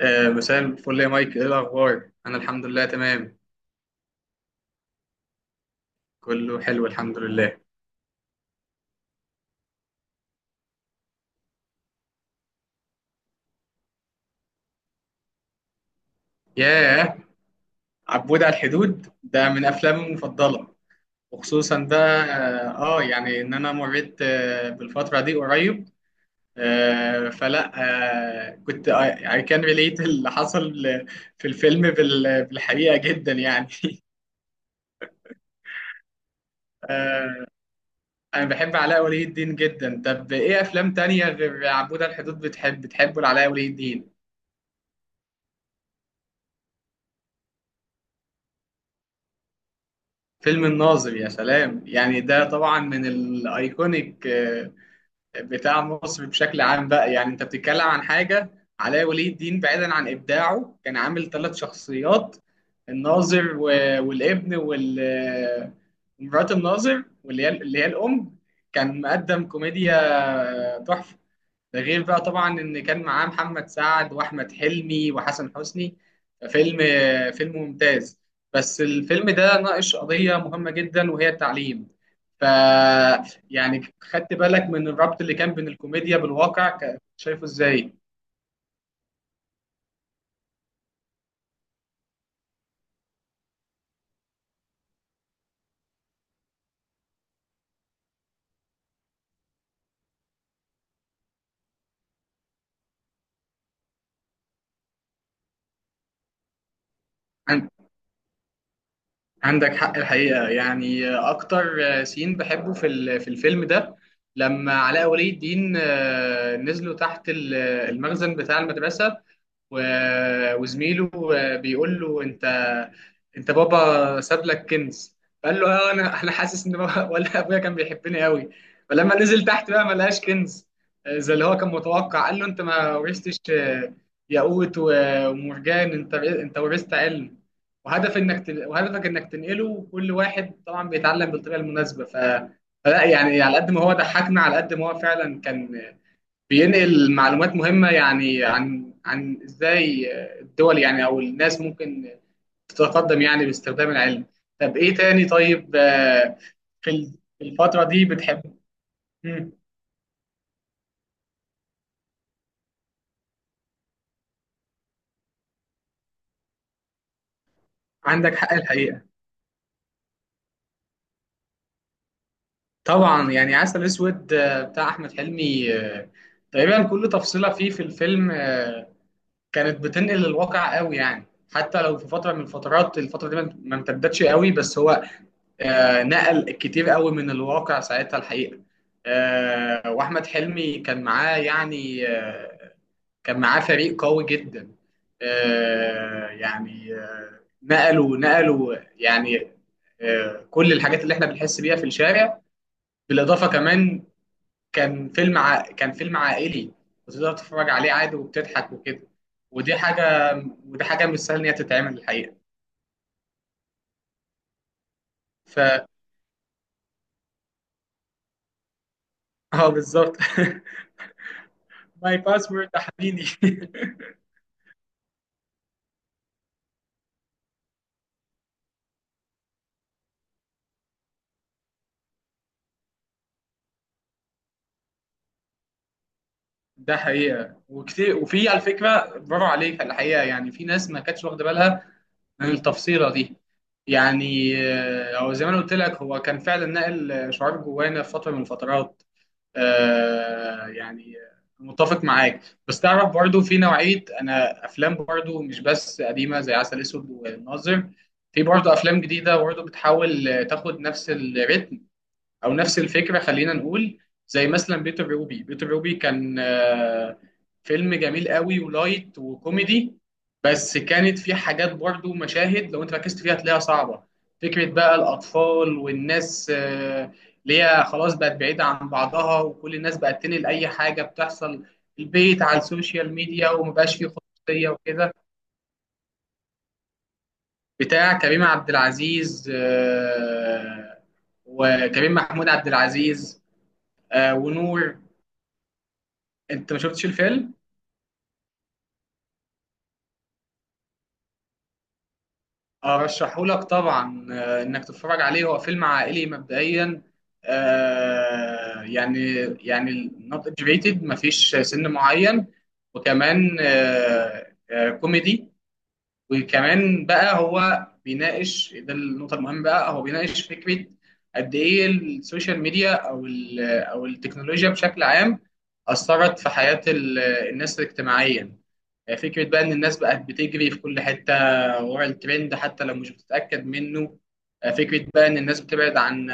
مساء الفل يا مايك، ايه الاخبار؟ انا الحمد لله تمام. كله حلو الحمد لله. ياه، عبود على الحدود ده من افلامي المفضله. وخصوصا بقى يعني ان انا مريت بالفتره دي قريب، فلا كنت، كان ريليت اللي حصل في الفيلم بالحقيقه جدا يعني. آه، انا بحب علاء ولي الدين جدا. طب ايه افلام تانية غير عبود على الحدود بتحبه لعلاء ولي الدين؟ فيلم الناظر، يا سلام، يعني ده طبعا من الايكونيك بتاع مصر بشكل عام بقى. يعني انت بتتكلم عن حاجه، علاء ولي الدين بعيدا عن ابداعه كان عامل 3 شخصيات: الناظر والابن وال آه، مرات الناظر، واللي هي الام. كان مقدم كوميديا تحفه. ده غير بقى طبعا ان كان معاه محمد سعد واحمد حلمي وحسن حسني. فيلم فيلم ممتاز. بس الفيلم ده ناقش قضية مهمة جدا وهي التعليم. ف يعني خدت بالك من الربط اللي كان بين الكوميديا بالواقع، شايفه ازاي؟ عندك حق الحقيقة. يعني أكتر سين بحبه في الفيلم ده، لما علاء ولي الدين نزلوا تحت المخزن بتاع المدرسة، وزميله بيقول له: أنت، بابا ساب لك كنز. فقال له: أنا، حاسس إن بابا ولا أبويا كان بيحبني قوي. فلما نزل تحت بقى ما لقاش كنز زي اللي هو كان متوقع، قال له: أنت ما ورثتش ياقوت ومرجان، أنت، ورثت علم، وهدفك انك تنقله. وكل واحد طبعا بيتعلم بالطريقه المناسبه. فلا يعني، على قد ما هو ضحكنا، على قد ما هو فعلا كان بينقل معلومات مهمه، يعني عن ازاي الدول يعني، او الناس، ممكن تتقدم يعني باستخدام العلم. طب ايه تاني؟ طيب، في ال- في الفتره دي بتحب؟ مم. عندك حق الحقيقه. طبعا يعني، عسل اسود بتاع احمد حلمي، تقريبا كل تفصيله فيه في الفيلم كانت بتنقل الواقع قوي يعني. حتى لو في فتره من الفترات، الفتره دي ما امتدتش قوي، بس هو نقل كتير قوي من الواقع ساعتها الحقيقه. واحمد حلمي كان معاه فريق قوي جدا. يعني نقلوا يعني كل الحاجات اللي احنا بنحس بيها في الشارع. بالاضافه كمان، كان فيلم عائلي، وتقدر تتفرج عليه عادي وبتضحك وكده. ودي حاجة ودي حاجة مش سهل إن هي تتعمل الحقيقة. ف اه، بالظبط. ماي باسورد ده حبيبي. ده حقيقة، وكتير، وفي على فكرة برافو عليك الحقيقة. يعني في ناس ما كانتش واخدة بالها من التفصيلة دي. يعني هو زي ما انا قلت لك، هو كان فعلا نقل شعار جوانا في فترة من الفترات. يعني متفق معاك. بس تعرف، برضو في نوعية أنا أفلام برضو مش بس قديمة زي عسل أسود والناظر، في برضو أفلام جديدة برضو بتحاول تاخد نفس الريتم او نفس الفكره خلينا نقول. زي مثلا بيتر روبي كان فيلم جميل قوي ولايت وكوميدي، بس كانت فيه حاجات، برضو مشاهد لو انت ركزت فيها هتلاقيها صعبه. فكره بقى الاطفال والناس اللي هي خلاص بقت بعيده عن بعضها، وكل الناس بقت تنقل اي حاجه بتحصل في البيت على السوشيال ميديا، ومبقاش فيه خصوصيه وكده. بتاع كريم عبد العزيز، وكريم محمود عبد العزيز، ونور. انت ما شفتش الفيلم؟ ارشحه لك طبعا انك تتفرج عليه. هو فيلم عائلي مبدئيا، يعني نوت اجبيتد، ما فيش سن معين، وكمان كوميدي. وكمان بقى هو بيناقش، ده النقطة المهمة بقى، هو بيناقش فكرة قد إيه السوشيال ميديا أو التكنولوجيا بشكل عام أثرت في حياة الناس اجتماعيا. فكرة بقى إن الناس بقت بتجري في كل حتة ورا الترند حتى لو مش بتتأكد منه. فكرة بقى إن الناس بتبعد عن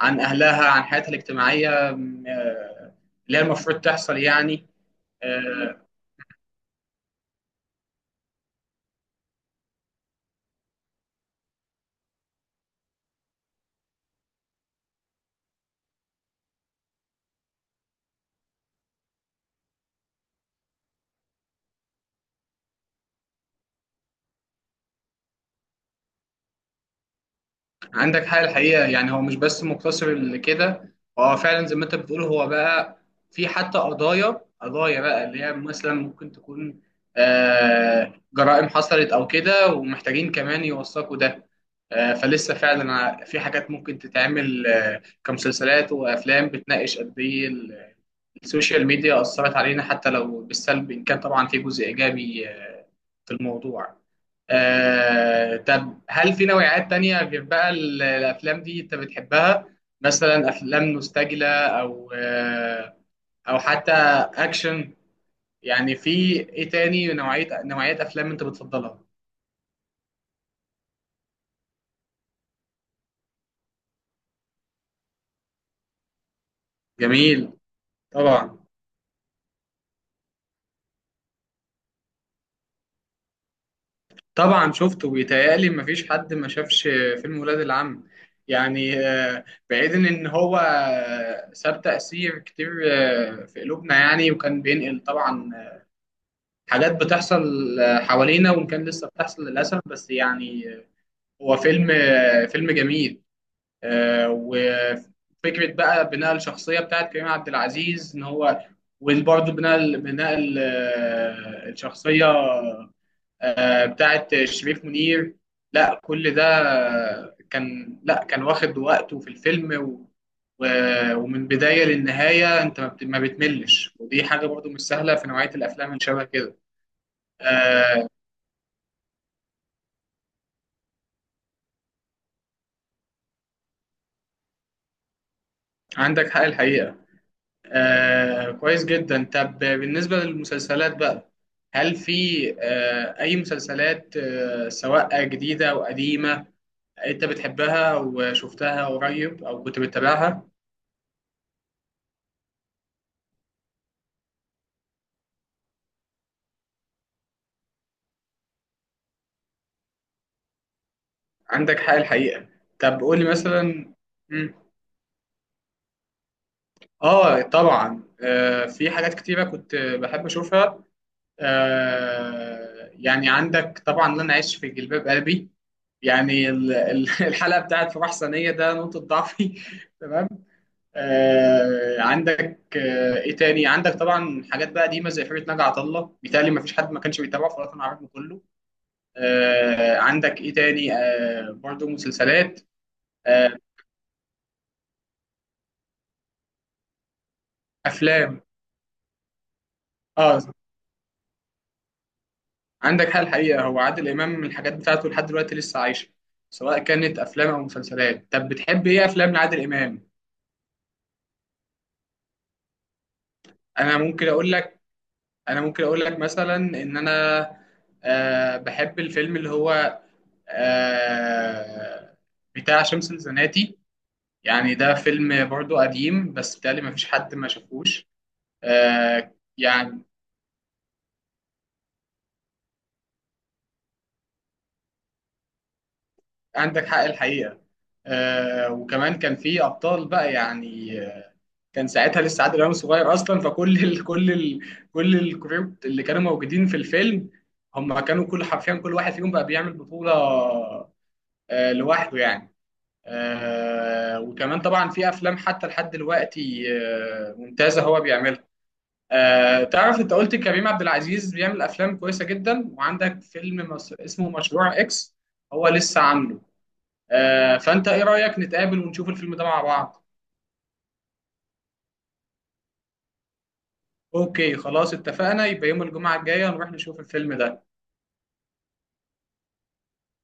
أهلها، عن حياتها الاجتماعية اللي هي المفروض تحصل يعني. آه، عندك حق الحقيقة. يعني هو مش بس مقتصر لكده، هو فعلا زي ما انت بتقول. هو بقى في حتى قضايا، قضايا بقى اللي هي مثلا ممكن تكون جرائم حصلت او كده، ومحتاجين كمان يوثقوا ده. فلسه فعلا، في حاجات ممكن تتعمل كمسلسلات وافلام بتناقش قد ايه السوشيال ميديا اثرت علينا، حتى لو بالسلب، ان كان طبعا في جزء ايجابي في الموضوع. طب هل في نوعيات تانية غير بقى الأفلام دي أنت بتحبها؟ مثلا أفلام مستعجلة أو حتى أكشن، يعني في إيه تاني نوعيات أفلام أنت بتفضلها؟ جميل. طبعا، طبعا شفته، ويتهيألي مفيش حد ما شافش فيلم ولاد العم. يعني بعيدا إن هو ساب تأثير كتير في قلوبنا يعني، وكان بينقل طبعا حاجات بتحصل حوالينا، وإن كان لسه بتحصل للأسف، بس يعني هو فيلم جميل. وفكرة بقى بناء الشخصية بتاعت كريم عبد العزيز إن هو، وبرضه بناء الشخصية بتاعت شريف منير. لا، كل ده كان، لا كان واخد وقته في الفيلم، ومن بداية للنهاية انت ما بتملش، ودي حاجة برضو مش سهلة في نوعية الافلام اللي شبه كده. آه، عندك حق الحقيقة. كويس جدا. طب بالنسبة للمسلسلات بقى، هل في أي مسلسلات سواء جديدة أو قديمة أنت بتحبها وشفتها قريب أو كنت بتتابعها؟ عندك حق الحقيقة. طب قول لي مثلا. مم. طبعا، في حاجات كتيرة كنت بحب أشوفها يعني. عندك طبعا لن أعيش في جلباب قلبي، يعني الحلقه بتاعت في محسنيه ده نقطه ضعفي. تمام. عندك، ايه تاني؟ عندك طبعا حاجات بقى قديمه زي فرقه ناجي عطا الله، بيتهيألي ما فيش حد ما كانش بيتابعه في الوطن العربي كله. عندك ايه تاني؟ برضو مسلسلات، آه افلام. اه، عندك حال الحقيقه، هو عادل امام الحاجات بتاعته لحد دلوقتي لسه عايشه، سواء كانت افلام او مسلسلات. طب بتحب ايه افلام لعادل امام؟ انا ممكن اقول لك انا ممكن اقول لك مثلا ان انا بحب الفيلم اللي هو آه بتاع شمس الزناتي. يعني ده فيلم برضو قديم، بس بتهيألي ما فيش حد ما شافوش. آه يعني عندك حق الحقيقة. وكمان كان في ابطال بقى، يعني كان ساعتها لسه عادل امام صغير اصلا، فكل ال كل ال كل الكروب اللي كانوا موجودين في الفيلم، هم كانوا كل، حرفيا كل واحد فيهم بقى بيعمل بطولة لوحده يعني. وكمان طبعا في افلام حتى لحد دلوقتي ممتازه هو بيعملها. تعرف، انت قلت كريم عبد العزيز بيعمل افلام كويسه جدا، وعندك فيلم اسمه مشروع اكس، هو لسه عامله. فانت ايه رايك نتقابل ونشوف الفيلم ده مع بعض؟ اوكي، خلاص اتفقنا، يبقى يوم الجمعه الجايه نروح نشوف الفيلم ده.